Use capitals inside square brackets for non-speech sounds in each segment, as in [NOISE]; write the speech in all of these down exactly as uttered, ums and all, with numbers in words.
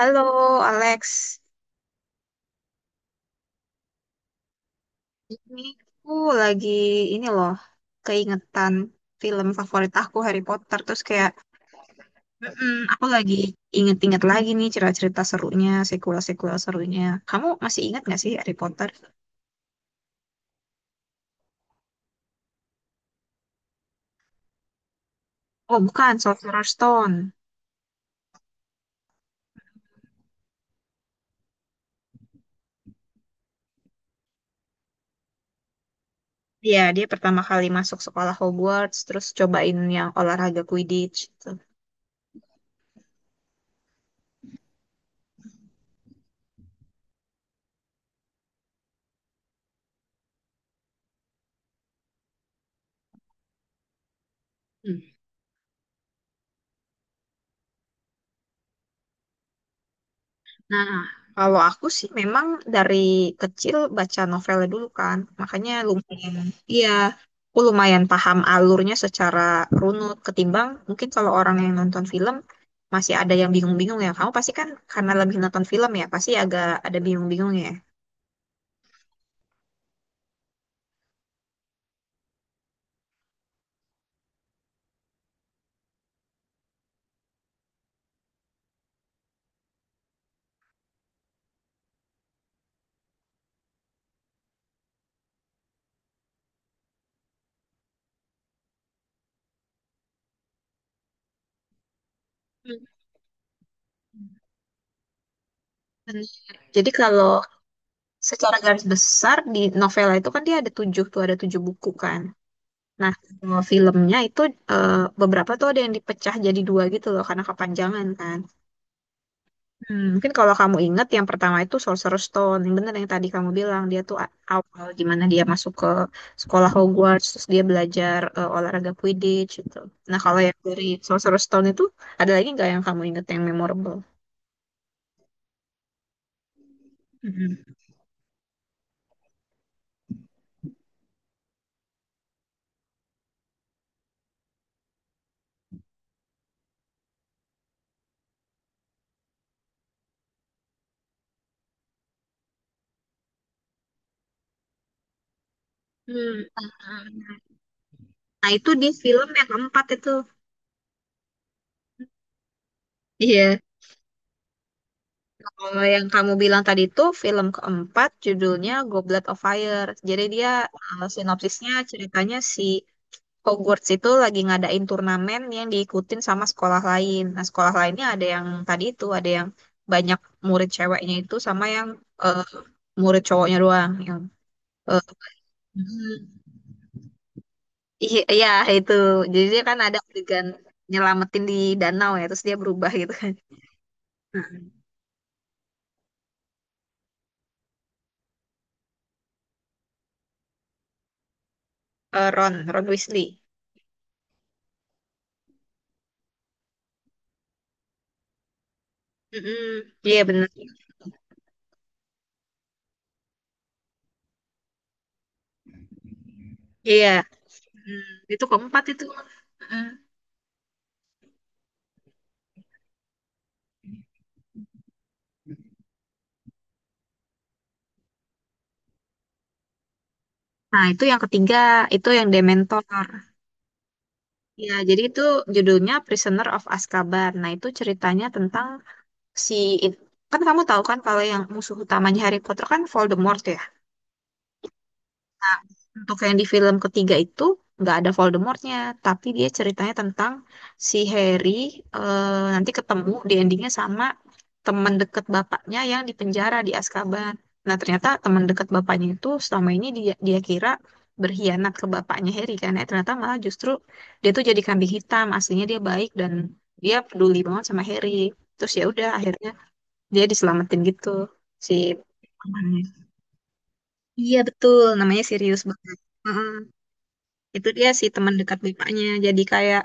Halo Alex, ini aku lagi ini loh keingetan film favorit aku Harry Potter terus kayak "Mm-mm, aku lagi inget-inget lagi nih cerita-cerita serunya, sequel-sequel serunya. Kamu masih ingat gak sih Harry Potter? Oh bukan, Sorcerer's Stone. Iya, dia pertama kali masuk sekolah Hogwarts terus cobain yang olahraga Quidditch gitu. Nah, kalau aku sih memang dari kecil baca novelnya dulu kan, makanya lumayan, iya, aku lumayan paham alurnya secara runut ketimbang mungkin kalau orang yang nonton film masih ada yang bingung-bingung ya. Kamu pasti kan karena lebih nonton film ya, pasti agak ada bingung-bingung ya. Hmm. Benar. Jadi kalau secara garis besar di novel itu kan dia ada tujuh tuh ada tujuh buku kan. Nah, kalau filmnya itu eh, beberapa tuh ada yang dipecah jadi dua gitu loh karena kepanjangan kan. Hmm, mungkin kalau kamu ingat yang pertama itu Sorcerer's Stone, yang benar yang tadi kamu bilang dia tuh a- awal gimana dia masuk ke sekolah Hogwarts, terus dia belajar eh, olahraga Quidditch gitu. Nah kalau yang dari Sorcerer's Stone itu ada lagi nggak yang kamu ingat yang memorable? Mm-mm. Hmm, ah, nah itu di film yang keempat itu. Iya. Kalau yang kamu bilang tadi itu film keempat judulnya Goblet of Fire. Jadi dia eh, sinopsisnya ceritanya si Hogwarts itu lagi ngadain turnamen yang diikutin sama sekolah lain. Nah, sekolah lainnya ada yang tadi itu, ada yang banyak murid ceweknya itu sama yang eh, murid cowoknya doang. Yang eh, [LAUGHS] iya iya, itu. Jadi dia kan ada adegan nyelamatin di danau ya, terus dia berubah gitu kan. Nah, Eh, Ron, Ron Weasley. Mm-mm. Iya bener. Iya. Mm, Itu keempat itu. Mm. Nah, itu yang ketiga, itu yang Dementor. Ya, jadi itu judulnya Prisoner of Azkaban. Nah, itu ceritanya tentang si kan kamu tahu kan kalau yang musuh utamanya Harry Potter kan Voldemort ya. Untuk yang di film ketiga itu nggak ada Voldemortnya, tapi dia ceritanya tentang si Harry eh, nanti ketemu di endingnya sama teman deket bapaknya yang di penjara di Azkaban. Nah ternyata teman deket bapaknya itu selama ini dia dia kira berkhianat ke bapaknya Harry kan, eh ternyata malah justru dia tuh jadi kambing hitam. Aslinya dia baik dan dia peduli banget sama Harry. Terus ya udah akhirnya dia diselamatin gitu si pamannya. Iya betul, namanya Sirius banget. Itu dia sih teman dekat bapaknya. Jadi kayak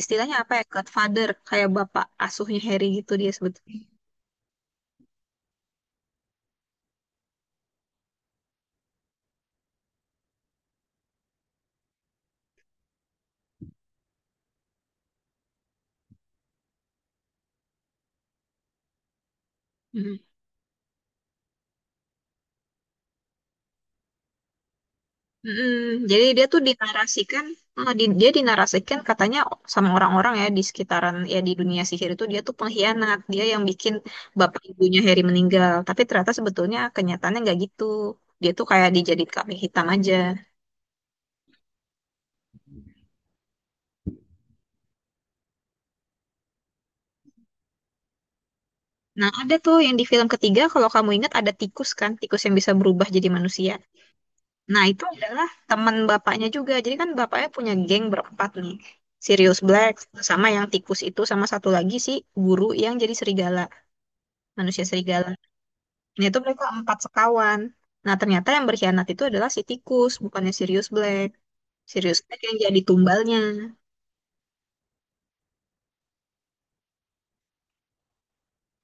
istilahnya apa ya? Godfather, kayak bapak asuhnya Harry gitu dia sebetulnya. Mhm. Mhm. Jadi dia tuh dinarasikan, eh, di- dia dinarasikan katanya sama orang-orang ya di sekitaran ya di dunia sihir itu dia tuh pengkhianat, dia yang bikin bapak ibunya Harry meninggal. Tapi ternyata sebetulnya kenyataannya nggak gitu. Dia tuh kayak dijadiin kambing hitam aja. Nah, ada tuh yang di film ketiga kalau kamu ingat ada tikus kan, tikus yang bisa berubah jadi manusia. Nah, itu adalah teman bapaknya juga. Jadi kan bapaknya punya geng berempat nih. Sirius Black sama yang tikus itu sama satu lagi si guru yang jadi serigala, manusia serigala. Nah, itu mereka empat sekawan. Nah, ternyata yang berkhianat itu adalah si tikus, bukannya Sirius Black. Sirius Black yang jadi tumbalnya.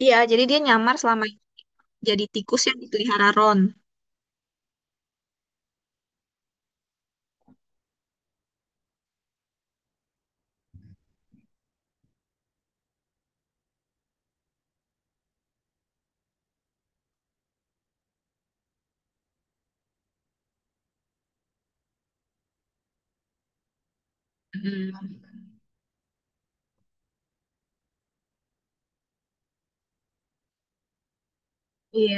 Iya, jadi dia nyamar selama ini jadi tikus yang dipelihara Ron. Mm. Iya,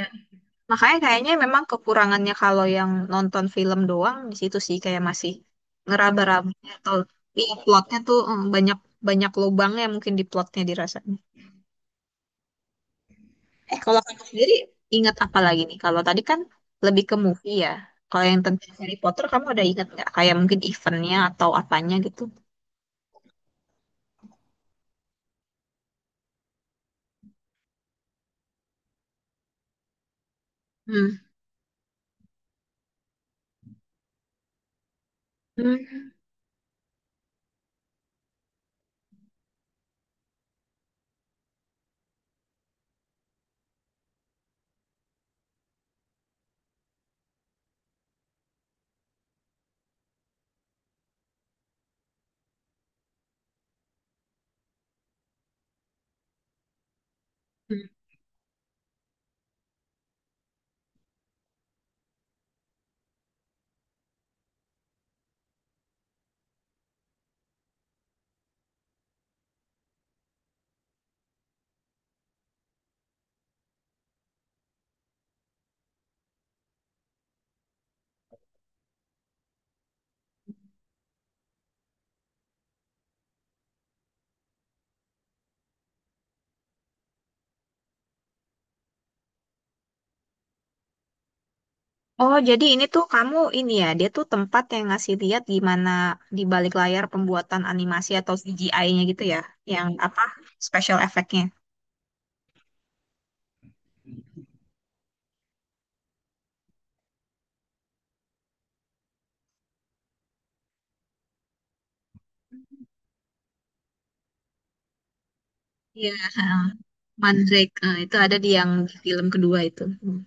makanya kayaknya memang kekurangannya kalau yang nonton film doang di situ sih kayak masih ngeraba raba atau iya plotnya tuh mm, banyak banyak lubangnya mungkin di plotnya dirasanya. Eh kalau kamu sendiri ingat apa lagi nih? Kalau tadi kan lebih ke movie ya. Kalau yang tentang Harry Potter kamu ada ingat nggak? Kayak mungkin eventnya atau apanya gitu? Hmm. Hmm. Oh, jadi ini tuh kamu ini ya, dia tuh tempat yang ngasih lihat gimana di balik layar pembuatan animasi atau C G I-nya gitu ya, yang apa special effect-nya. Iya, Mandrake. eh, itu ada di yang di film kedua itu. Hmm.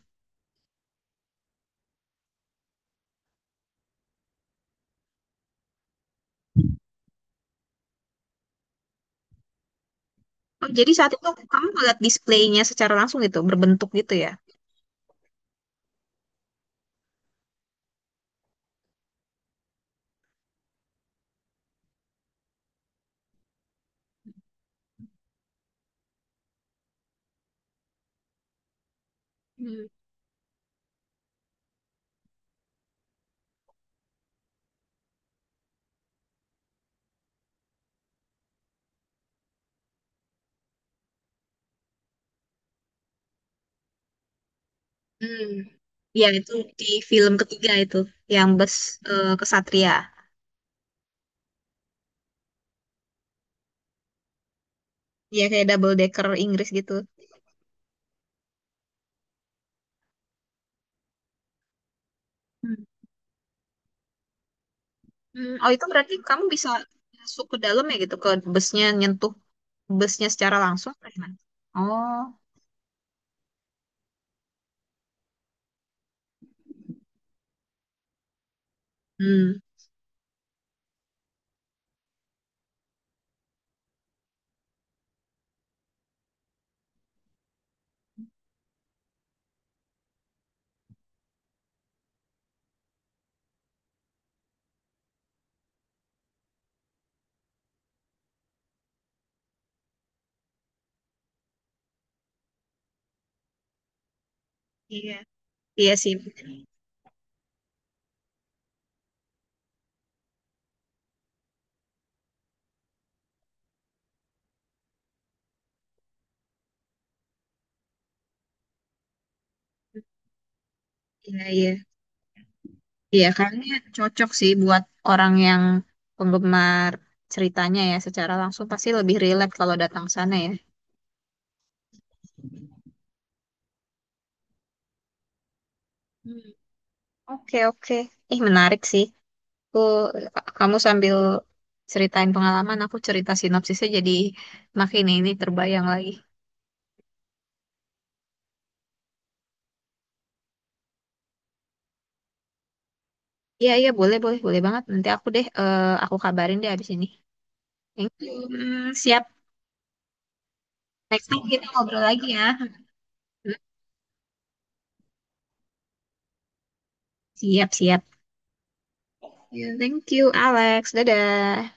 Oh, jadi saat itu kamu ngeliat displaynya secara langsung gitu, berbentuk gitu ya? Hmm. Hmm. Ya, itu di film ketiga itu, yang bus eh, kesatria. Ya, kayak double decker Inggris gitu. Hmm. Hmm, Oh, itu berarti kamu bisa masuk ke dalam ya gitu, ke busnya nyentuh busnya secara langsung atau gimana? Oh, hmm, iya, iya sih, iya iya, iya kayaknya cocok sih buat orang yang penggemar ceritanya ya secara langsung pasti lebih relate kalau datang sana ya. Hmm, Oke oke, Ih menarik sih. Aku kamu sambil ceritain pengalaman, aku cerita sinopsisnya jadi makin ini terbayang lagi. Iya iya boleh boleh boleh banget. Nanti aku deh, eh, aku kabarin deh abis ini. Thank you. Hmm, siap. Next time kita ngobrol lagi ya. Siap, siap. Ya, Thank you, Alex. Dadah.